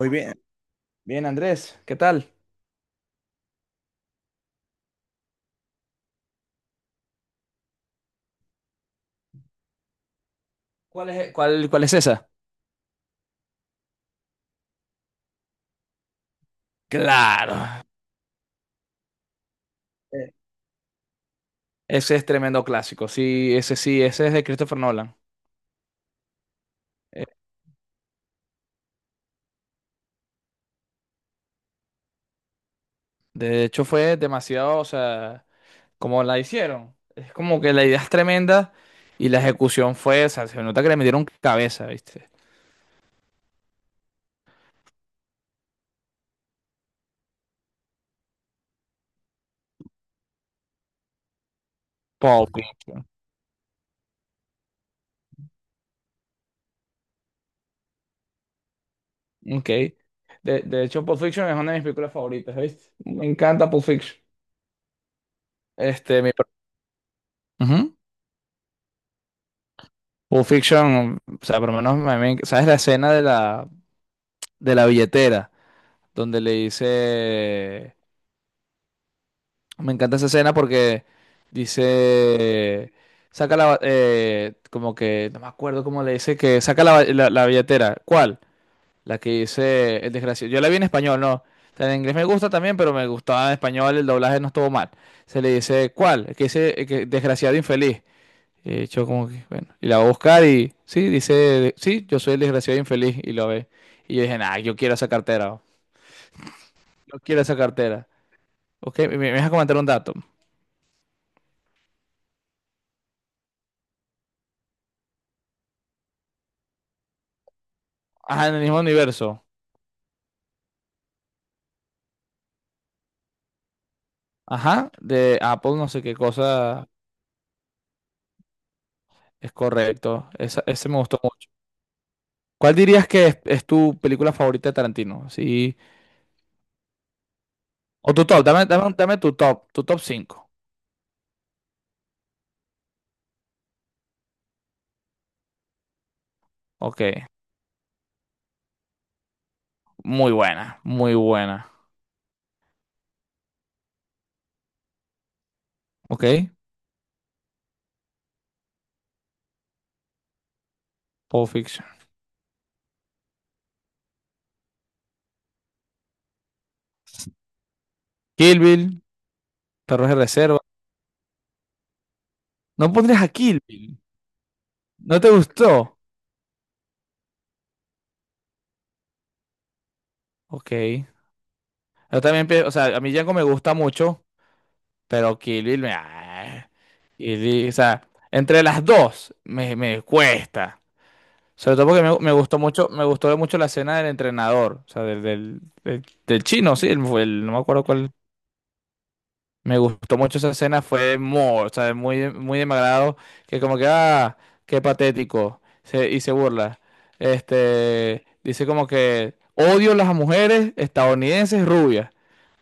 Muy bien, bien Andrés, ¿qué tal? ¿Cuál es esa? Claro. Eh, Ese es tremendo clásico. Sí, ese es de Christopher Nolan. Eh, de hecho, fue demasiado, o sea, como la hicieron. Es como que la idea es tremenda y la ejecución fue, o sea, se nota que le metieron cabeza, ¿viste? Pulp Fiction. Ok. De hecho, Pulp Fiction es una de mis películas favoritas, ¿viste? Me encanta Pulp Fiction. Este, mi. Ujú. Pulp Fiction, o sea, por lo menos, ¿sabes la escena de la billetera, donde le dice, me encanta esa escena porque dice, saca la, como que, no me acuerdo cómo le dice, que saca la, la billetera. ¿Cuál? La que dice el desgraciado. Yo la vi en español, no. O sea, en inglés me gusta también, pero me gustaba en español, el doblaje no estuvo mal. Se le dice, ¿cuál? El que dice, el que, desgraciado infeliz. Y yo como que, bueno, y la va a buscar y, sí, dice, sí, yo soy el desgraciado infeliz y lo ve. Y yo dije, nah, yo quiero esa cartera, yo quiero esa cartera. Ok, me vas a comentar un dato. Ajá, en el mismo universo. Ajá, de Apple, no sé qué cosa es correcto. Esa, ese me gustó mucho. ¿Cuál dirías que es tu película favorita de Tarantino? Sí. O tu top, dame tu top cinco. Ok, muy buena, muy buena. Ok, Pulp Fiction. Kill Bill, Perros de Reserva. No pondrías a Kill Bill. ¿No te gustó? Ok. Yo también, o sea, a mí Django me gusta mucho. Pero Kill Bill, Kill Bill, o sea, entre las dos me cuesta. Sobre todo porque me gustó mucho, me gustó mucho la escena del entrenador, o sea, del chino, sí, no me acuerdo cuál. Me gustó mucho esa escena, fue muy, o sea, muy, muy de mi agrado, que como que, ah, qué patético, y se burla. Este, dice como que odio las mujeres estadounidenses rubias.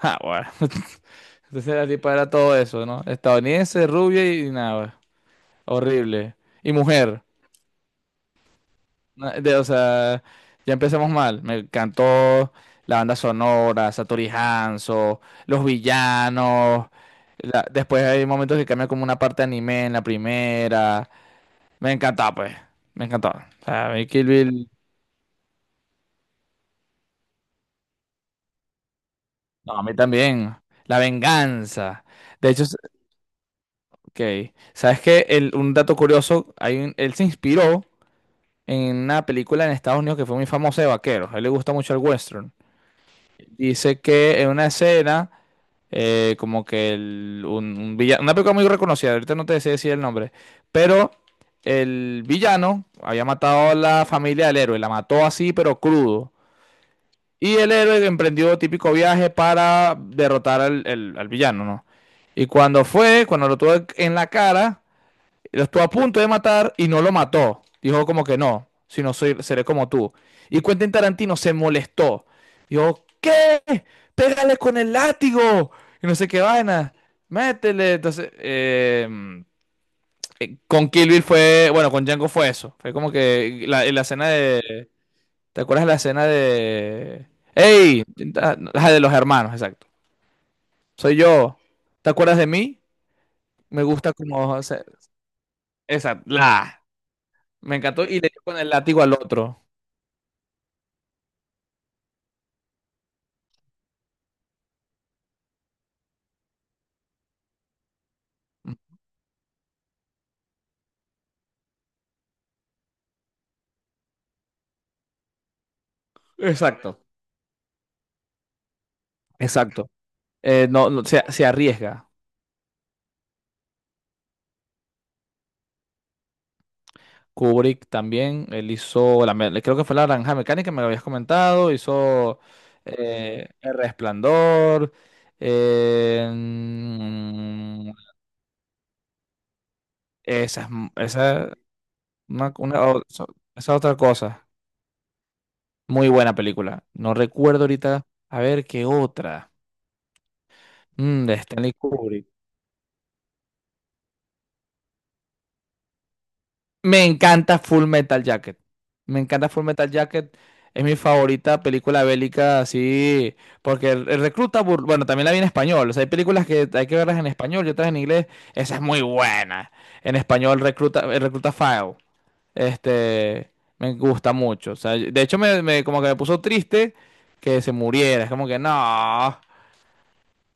Ah, bueno. Entonces la tipa era todo eso, ¿no? Estadounidense, rubia y nada, horrible. Y mujer. O sea, ya empezamos mal. Me encantó la banda sonora, Satori Hanzo, los villanos. Después hay momentos que cambia como una parte de anime en la primera. Me encantó pues. Me encantó. O sea, a mí Kill Bill- No, a mí también. La venganza. De hecho, ok. ¿Sabes qué? Un dato curioso, hay él se inspiró en una película en Estados Unidos que fue muy famosa de vaqueros. A él le gusta mucho el western. Dice que en una escena, como que un villano, una película muy reconocida, ahorita no te sé decir el nombre, pero el villano había matado a la familia del héroe, la mató así, pero crudo. Y el héroe emprendió típico viaje para derrotar al villano, ¿no? Y cuando fue, cuando lo tuvo en la cara, lo estuvo a punto de matar y no lo mató. Dijo como que no, si no soy, seré como tú. Y Quentin Tarantino se molestó. Dijo, ¿qué? Pégale con el látigo. Y no sé qué vaina. Métele. Entonces, con Kill Bill fue, bueno, con Django fue eso. Fue como que en la escena de. ¿Te acuerdas de la escena de? ¡Ey! Ah, la de los hermanos, exacto. Soy yo. ¿Te acuerdas de mí? Me gusta como, o sea, esa, la. Me encantó y le dio con el látigo al otro. Exacto, exacto. No, no, se arriesga. Kubrick también, él hizo, creo que fue La Naranja Mecánica, me lo habías comentado, hizo El Resplandor. eh, mm, esa, es m- esa, es una- Esa es otra cosa. Muy buena película. No recuerdo ahorita, a ver qué otra. De Stanley Kubrick. Me encanta Full Metal Jacket. Me encanta Full Metal Jacket. Es mi favorita película bélica, así, porque el recluta, bueno, también la vi en español. O sea, hay películas que hay que verlas en español y otras en inglés. Esa es muy buena. En español, recluta, el recluta File. Este, me gusta mucho. O sea, de hecho, como que me puso triste que se muriera. Es como que no.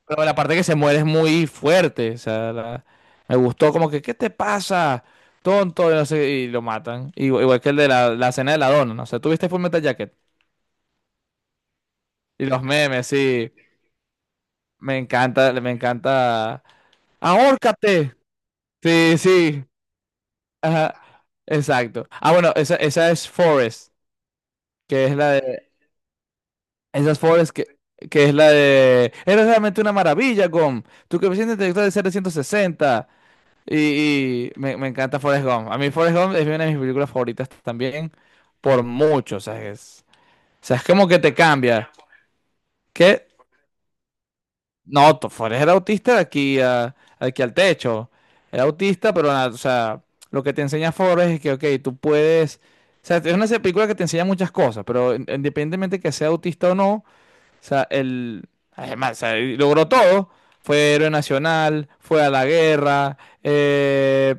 Pero la parte que se muere es muy fuerte. O sea, me gustó como que, ¿qué te pasa? Tonto, y no sé, y lo matan. Igual, igual que el de la cena de la dona, ¿no? O sea, ¿tuviste Full Metal Jacket? Y los memes, sí. Me encanta, me encanta. ¡Ahórcate! Sí, sí. Ajá. Exacto. Ah, bueno, esa es Forest, que es la de. Esa es Forest que es la de. Eres realmente una maravilla, Gom. Tu coeficiente intelectual es 760. Y me encanta Forrest Gump. A mí Forrest Gump es una de mis películas favoritas también, por mucho. O sea, es como que te cambia. Que no, Forrest era autista de aquí, aquí al techo. Era autista, pero nada, o sea, lo que te enseña Forrest es que, ok, tú puedes. O sea, es una película que te enseña muchas cosas, pero independientemente que sea autista o no, o sea, él, además, o sea, él logró todo. Fue héroe nacional, fue a la guerra, eh,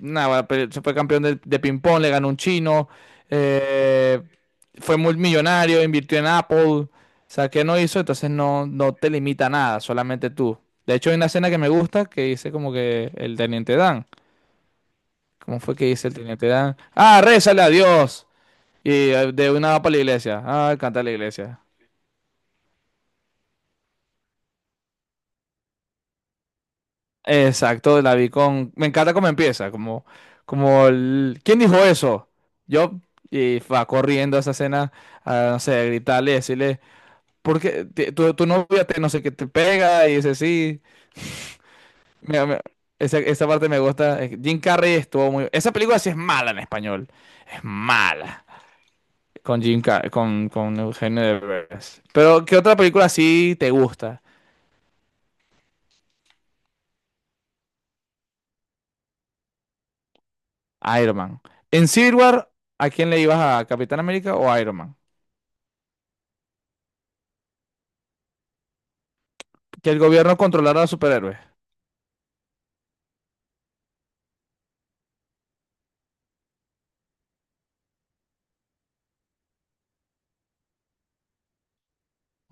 nada, pero se fue campeón de ping-pong, le ganó un chino, eh, fue muy millonario, invirtió en Apple, o sea, ¿qué no hizo? Entonces no, no te limita nada, solamente tú. De hecho, hay una escena que me gusta que dice como que el teniente Dan. ¿Cómo fue que dice el teniente Dan? Ah, rézale a Dios. Y de una va para la iglesia. Ah, canta la iglesia. Exacto, la vi con. Me encanta cómo empieza, como. ¿Quién dijo eso? Yo, y va corriendo a esa escena, a, no sé, a gritarle, decirle, porque tu novia te, no sé qué te pega, y dice, sí. Mira, mira, esa parte me gusta. Jim Carrey estuvo muy. Esa película sí es mala en español. Es mala. Con Jim Carrey, con Eugenio Derbez. Pero, ¿qué otra película sí te gusta? Iron Man. En Civil War, ¿a quién le ibas a Capitán América o Iron Man? Que el gobierno controlara a los superhéroes.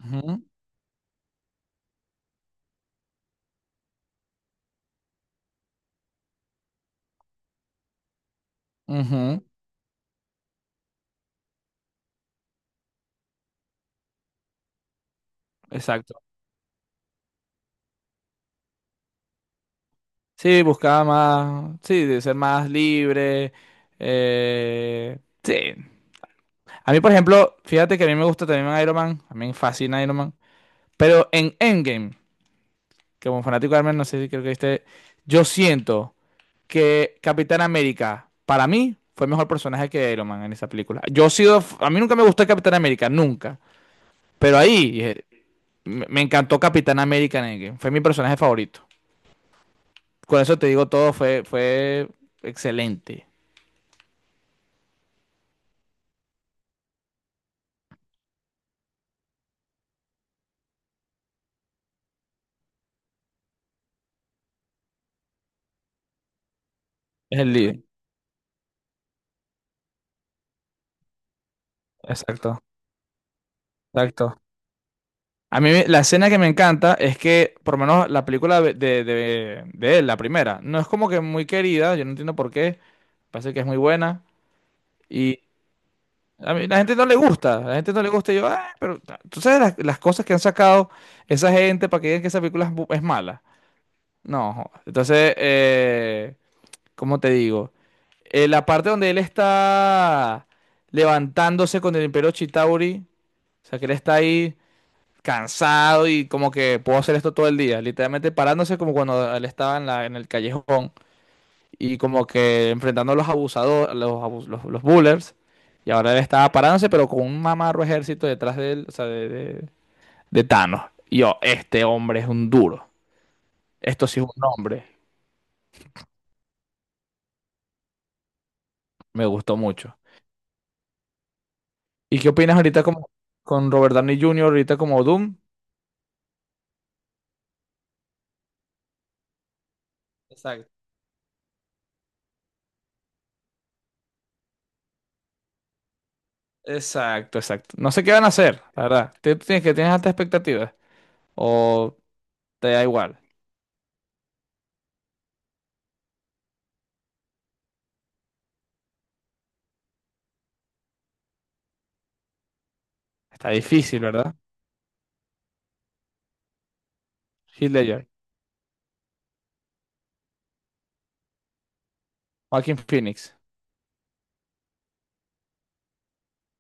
Ujú, ujú. Exacto. Sí, buscaba más, sí, de ser más libre. Sí. A mí, por ejemplo, fíjate que a mí me gusta también Iron Man, a mí me fascina Iron Man, pero en Endgame, como fanático de Iron Man, no sé si creo que este, yo siento que Capitán América, para mí, fue mejor personaje que Iron Man en esa película. Yo he sido, f- A mí nunca me gustó Capitán América, nunca, pero ahí me encantó Capitán América en Endgame, fue mi personaje favorito. Con eso te digo todo, fue excelente. Es el líder. Exacto, exacto. A mí la escena que me encanta es que, por lo menos la película de él, la primera, no es como que muy querida, yo no entiendo por qué, parece que es muy buena y a mí la gente no le gusta, la gente no le gusta y yo, "Ah, pero tú sabes las cosas que han sacado esa gente para que digan que esa película es mala. No, joda. Entonces, ¿cómo te digo? La parte donde él está levantándose con el Imperio Chitauri, o sea que él está ahí cansado y como que puedo hacer esto todo el día, literalmente parándose como cuando él estaba en el callejón y como que enfrentando a los abusadores, los bullers, y ahora él estaba parándose pero con un mamarro ejército detrás de él, o sea, de Thanos. Y yo, este hombre es un duro, esto sí es un hombre, me gustó mucho. ¿Y qué opinas ahorita como con Robert Downey Jr., ahorita como Doom? Exacto. Exacto, exacto. No sé qué van a hacer, la verdad. ¿Tú tienes altas expectativas? ¿O te da igual? Está difícil, ¿verdad? Heath Ledger, Joaquin Phoenix.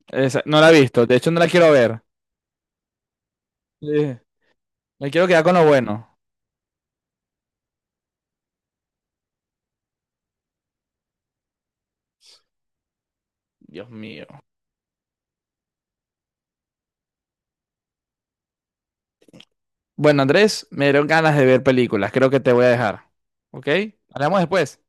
No la he visto, de hecho no la quiero ver. Sí. Me quiero quedar con lo bueno. Dios mío. Bueno, Andrés, me dieron ganas de ver películas. Creo que te voy a dejar. ¿Ok? Hablamos después.